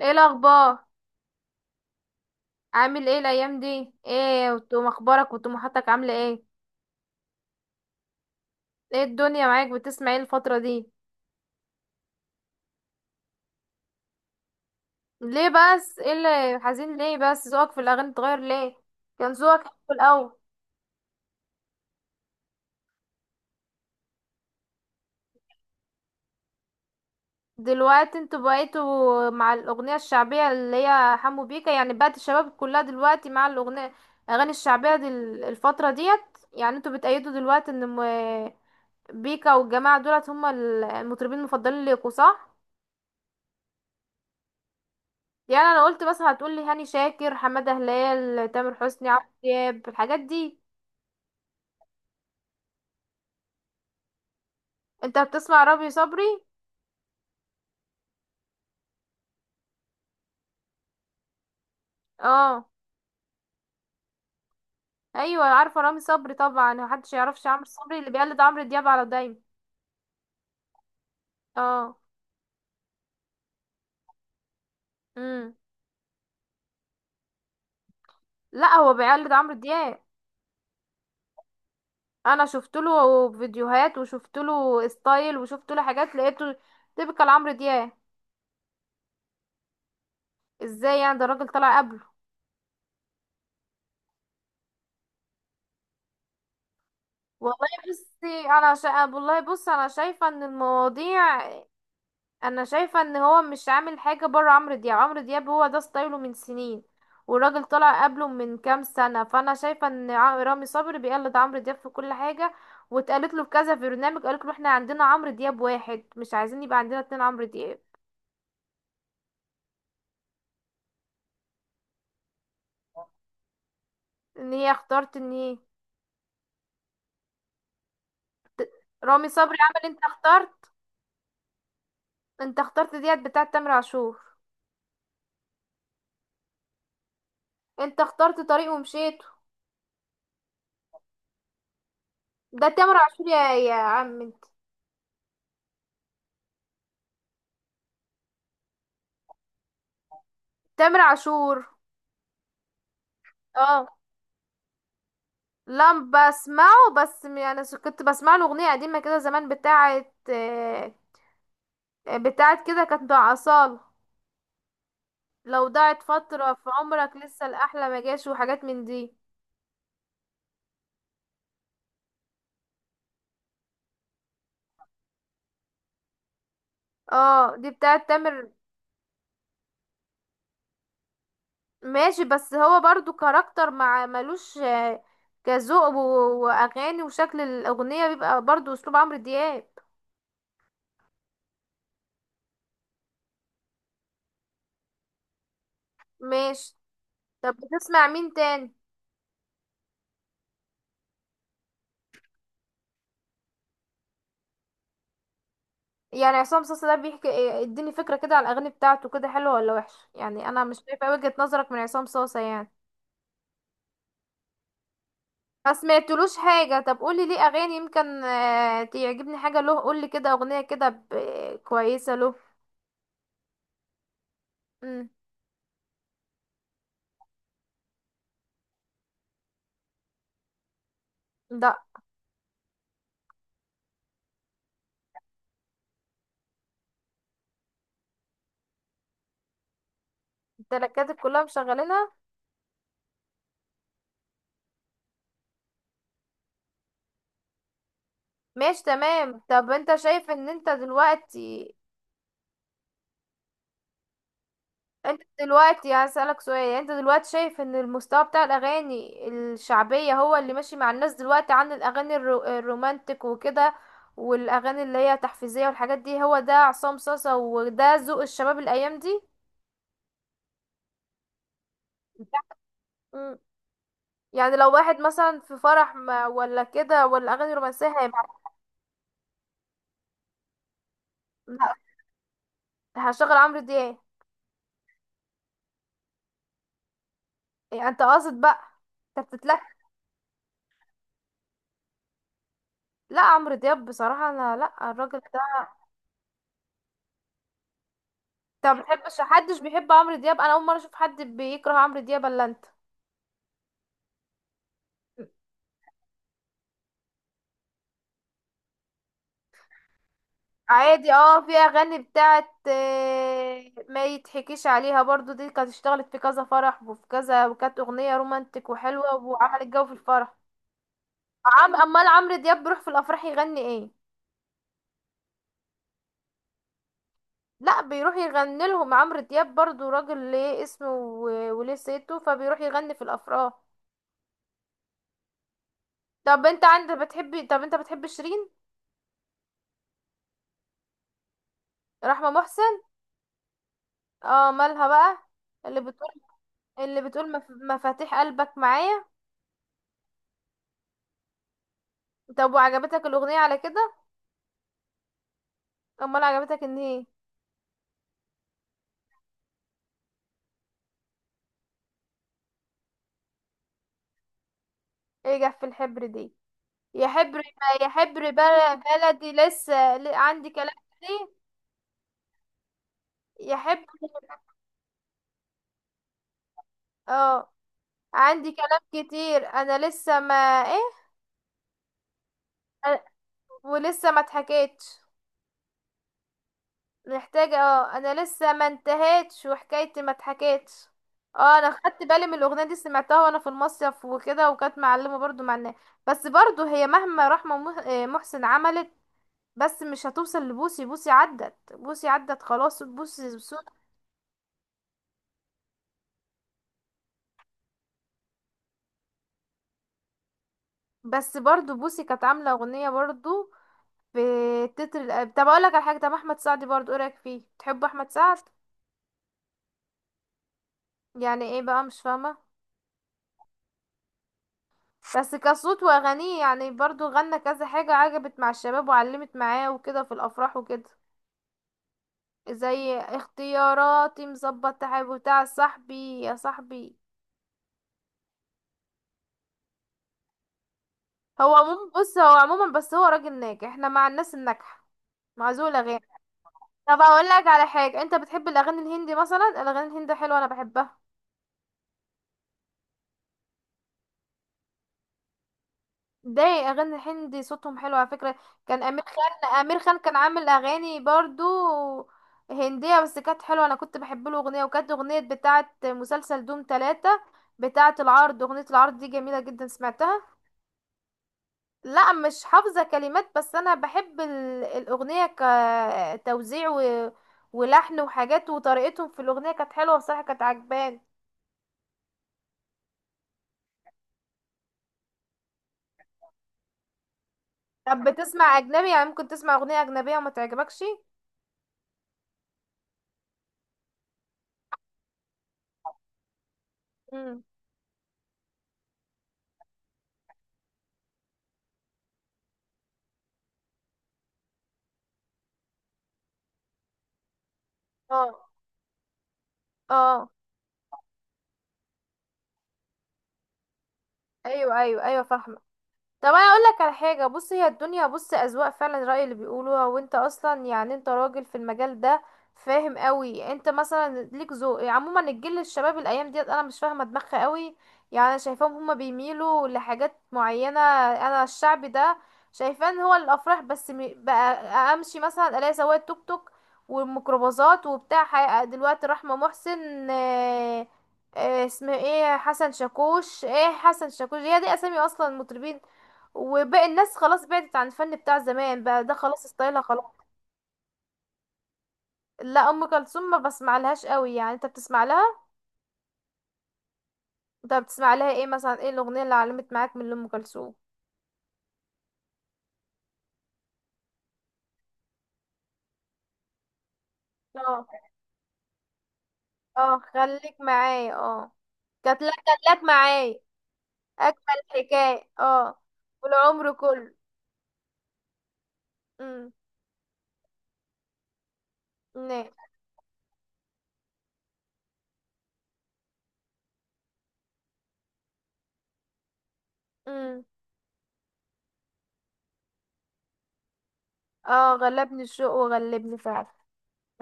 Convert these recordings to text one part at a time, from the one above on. ايه الاخبار؟ عامل ايه الايام دي؟ ايه وتقوم اخبارك وطموحاتك عامله ايه؟ ايه الدنيا معاك؟ بتسمع ايه الفتره دي؟ ليه بس؟ ايه اللي حزين؟ ليه بس ذوقك في الاغاني اتغير؟ ليه كان ذوقك حلو الاول؟ دلوقتي انتوا بقيتوا مع الاغنيه الشعبيه اللي هي حمو بيكا، يعني بقت الشباب كلها دلوقتي مع الاغاني الشعبيه دي، الفتره ديت. يعني انتوا بتأيدوا دلوقتي ان م- بيكا والجماعه دولت هم المطربين المفضلين ليكوا، صح؟ يعني انا قلت بس هتقولي هاني شاكر، حمادة هلال، تامر حسني، عمرو دياب، الحاجات دي. انت بتسمع رامي صبري؟ اه. ايوه عارفه رامي صبري طبعا، محدش يعرفش عمرو صبري اللي بيقلد عمرو دياب على دايم. اه. امم لا هو بيقلد عمرو دياب. انا شفت له فيديوهات وشفت له ستايل وشفت له حاجات، لقيته تيبيكال عمرو دياب. ازاي يعني؟ ده الراجل طلع قبله. والله بصي انا والله بص، انا شايفه ان المواضيع، انا شايفه ان هو مش عامل حاجه بره عمرو دياب. عمرو دياب هو ده ستايله من سنين، والراجل طلع قبله من كام سنه، فانا شايفه ان رامي صبري بيقلد عمرو دياب في كل حاجه، واتقالت له في كذا برنامج، قالت له احنا عندنا عمرو دياب واحد مش عايزين يبقى عندنا اتنين عمرو دياب. ان هي اختارت ان هي ت- رامي صبري عمل انت اخترت. انت اخترت ديت بتاعت تامر عاشور. انت اخترت طريق ومشيت. ده تامر عاشور يا عم انت. تامر عاشور. اه لا بسمعه، بس يعني كنت بسمع له اغنيه قديمه كده زمان بتاعه بتاعت كده، كانت مع اصاله. لو ضاعت فتره في عمرك لسه الاحلى ما جاش، وحاجات من دي. اه دي بتاعت تامر. ماشي، بس هو برضو كاركتر مع ملوش كذوق واغاني، وشكل الاغنيه بيبقى برضو اسلوب عمرو دياب. ماشي. طب بتسمع مين تاني؟ يعني عصام صاصا ده بيحكي اديني فكرة كده على الأغاني بتاعته، كده حلوة ولا وحشة؟ يعني أنا مش شايفة وجهة نظرك من عصام صاصا يعني. ما سمعتلوش حاجة، طب قولي ليه أغاني يمكن تعجبني حاجة له، قولي كده أغنية كده كويسة له. مم. ده التركات كلها مشغلينها. ماشي تمام. طب انت شايف ان انت دلوقتي، انت دلوقتي هسألك سؤال، يعني انت دلوقتي شايف ان المستوى بتاع الاغاني الشعبية هو اللي ماشي مع الناس دلوقتي عن الاغاني الرومانتك وكده، والاغاني اللي هي تحفيزية والحاجات دي، هو ده عصام صاصا وده ذوق الشباب الايام دي؟ مم. يعني لو واحد مثلا في فرح ما ولا كده ولا اغاني رومانسية هيبقى؟ لا، هشغل عمرو دياب. يعني انت قاصد بقى؟ انت بتتلك؟ لا عمرو دياب بصراحة انا لا، الراجل، انت ما بتحبش؟ محدش بيحب عمرو دياب؟ انا اول مره اشوف حد بيكره عمرو دياب الا انت. عادي اه، في اغاني بتاعت ما يتحكيش عليها برضو، دي كانت اشتغلت في كذا فرح وفي كذا، وكانت اغنيه رومانتك وحلوه وعملت جو في الفرح. عم، امال عمرو دياب بيروح في الافراح يغني ايه؟ لا بيروح يغني لهم عمرو دياب، برضو راجل ليه اسمه وليه صيته، فبيروح يغني في الافراح. طب انت عندك بتحبي، طب انت بتحب شيرين؟ رحمه محسن؟ اه، مالها بقى؟ اللي بتقول، اللي بتقول مفاتيح قلبك معايا؟ طب وعجبتك الأغنية على كده؟ امال عجبتك ان هي، ايه جف الحبر دي؟ يا حبر، يا حبر بلدي لسه عندي كلام كتير. يا حبر، اه، عندي كلام كتير، انا لسه ما، ايه، أنا- ولسه ما اتحكيتش، محتاجة، اه انا لسه ما انتهيتش وحكايتي ما اتحكيتش. اه، انا خدت بالي من الاغنية دي، سمعتها وانا في المصيف وكده، وكانت معلمة برضو مع الناس. بس برضو هي مهما رحمة محسن عملت، بس مش هتوصل لبوسي. بوسي عدت، بوسي عدت خلاص. بوسي بصوت، بس برضو بوسي كانت عاملة اغنية برضو في تتر الأب. طب اقولك على حاجة، طب احمد سعد برضو ايه رأيك فيه، بتحب احمد سعد؟ يعني ايه بقى؟ مش فاهمة. بس كصوت واغانيه يعني برضو غنى كذا حاجة عجبت مع الشباب وعلمت معاه وكده في الافراح وكده. زي اختياراتي، مظبط، تحب، بتاع صاحبي يا صاحبي. هو عموما بص، هو عموما بس هو راجل ناجح، احنا مع الناس الناجحة، مع ذوي الاغاني. طب اقول لك على حاجة، انت بتحب الاغاني الهندي مثلا؟ الاغاني الهندي حلوة، انا بحبها. ده اغاني الهندي صوتهم حلو على فكره. كان امير خان، امير خان كان عامل اغاني برضو هنديه، بس كانت حلوه. انا كنت بحب له اغنيه، وكانت اغنيه بتاعه مسلسل دوم ثلاثة، بتاعه العرض، اغنيه العرض دي جميله جدا، سمعتها. لا مش حافظه كلمات، بس انا بحب الاغنيه، كتوزيع ولحن وحاجات، وطريقتهم في الاغنيه كانت حلوه بصراحه، كانت عجباني. طب بتسمع اجنبي؟ يعني ممكن تسمع اغنيه اجنبيه وما تعجبكش؟ مم. اه، اه، ايوه ايوه ايوه، فاهمه. طب انا اقول لك على حاجه، بص هي الدنيا، بص اذواق فعلا، راي اللي بيقولوها، وانت اصلا يعني انت راجل في المجال ده، فاهم قوي، انت مثلا ليك ذوق، عموما الجيل الشباب الايام ديت انا مش فاهمه دماغها قوي، يعني انا شايفاهم هما بيميلوا لحاجات معينه. انا الشعب ده شايفاه ان هو الافراح بس بقى. امشي مثلا الاقي سواق توك توك والميكروباصات وبتاع دلوقتي رحمه محسن، اسمه ايه حسن شاكوش، ايه حسن شاكوش هي دي اسامي اصلا مطربين، وباقي الناس خلاص بعدت عن الفن بتاع زمان. بقى ده خلاص ستايلها خلاص. لا ام كلثوم ما بسمع لهاش قوي، يعني انت بتسمع لها؟ انت بتسمع لها ايه مثلا؟ ايه الاغنيه اللي علمت معاك من ام كلثوم؟ اه، اه خليك معايا، اه، كانت، لا كانت لك معايا، اجمل حكايه، اه، والعمر كله. امم. نعم. امم. اه غلبني الشوق وغلبني فعلا،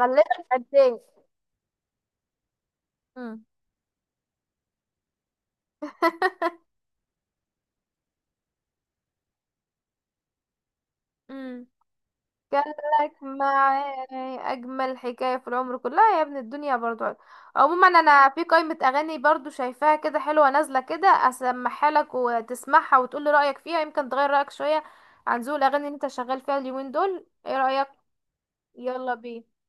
غلبك قد ايه؟ امم. قال لك معاي، اجمل حكايه في العمر كلها، يا ابن الدنيا برضو. عموما انا في قائمه اغاني برضو شايفاها كده حلوه نازله كده، اسمعها لك وتسمعها وتقول لي رايك فيها، يمكن تغير رايك شويه عن ذوق الاغاني اللي انت شغال فيها اليومين دول، ايه رايك؟ يلا بينا.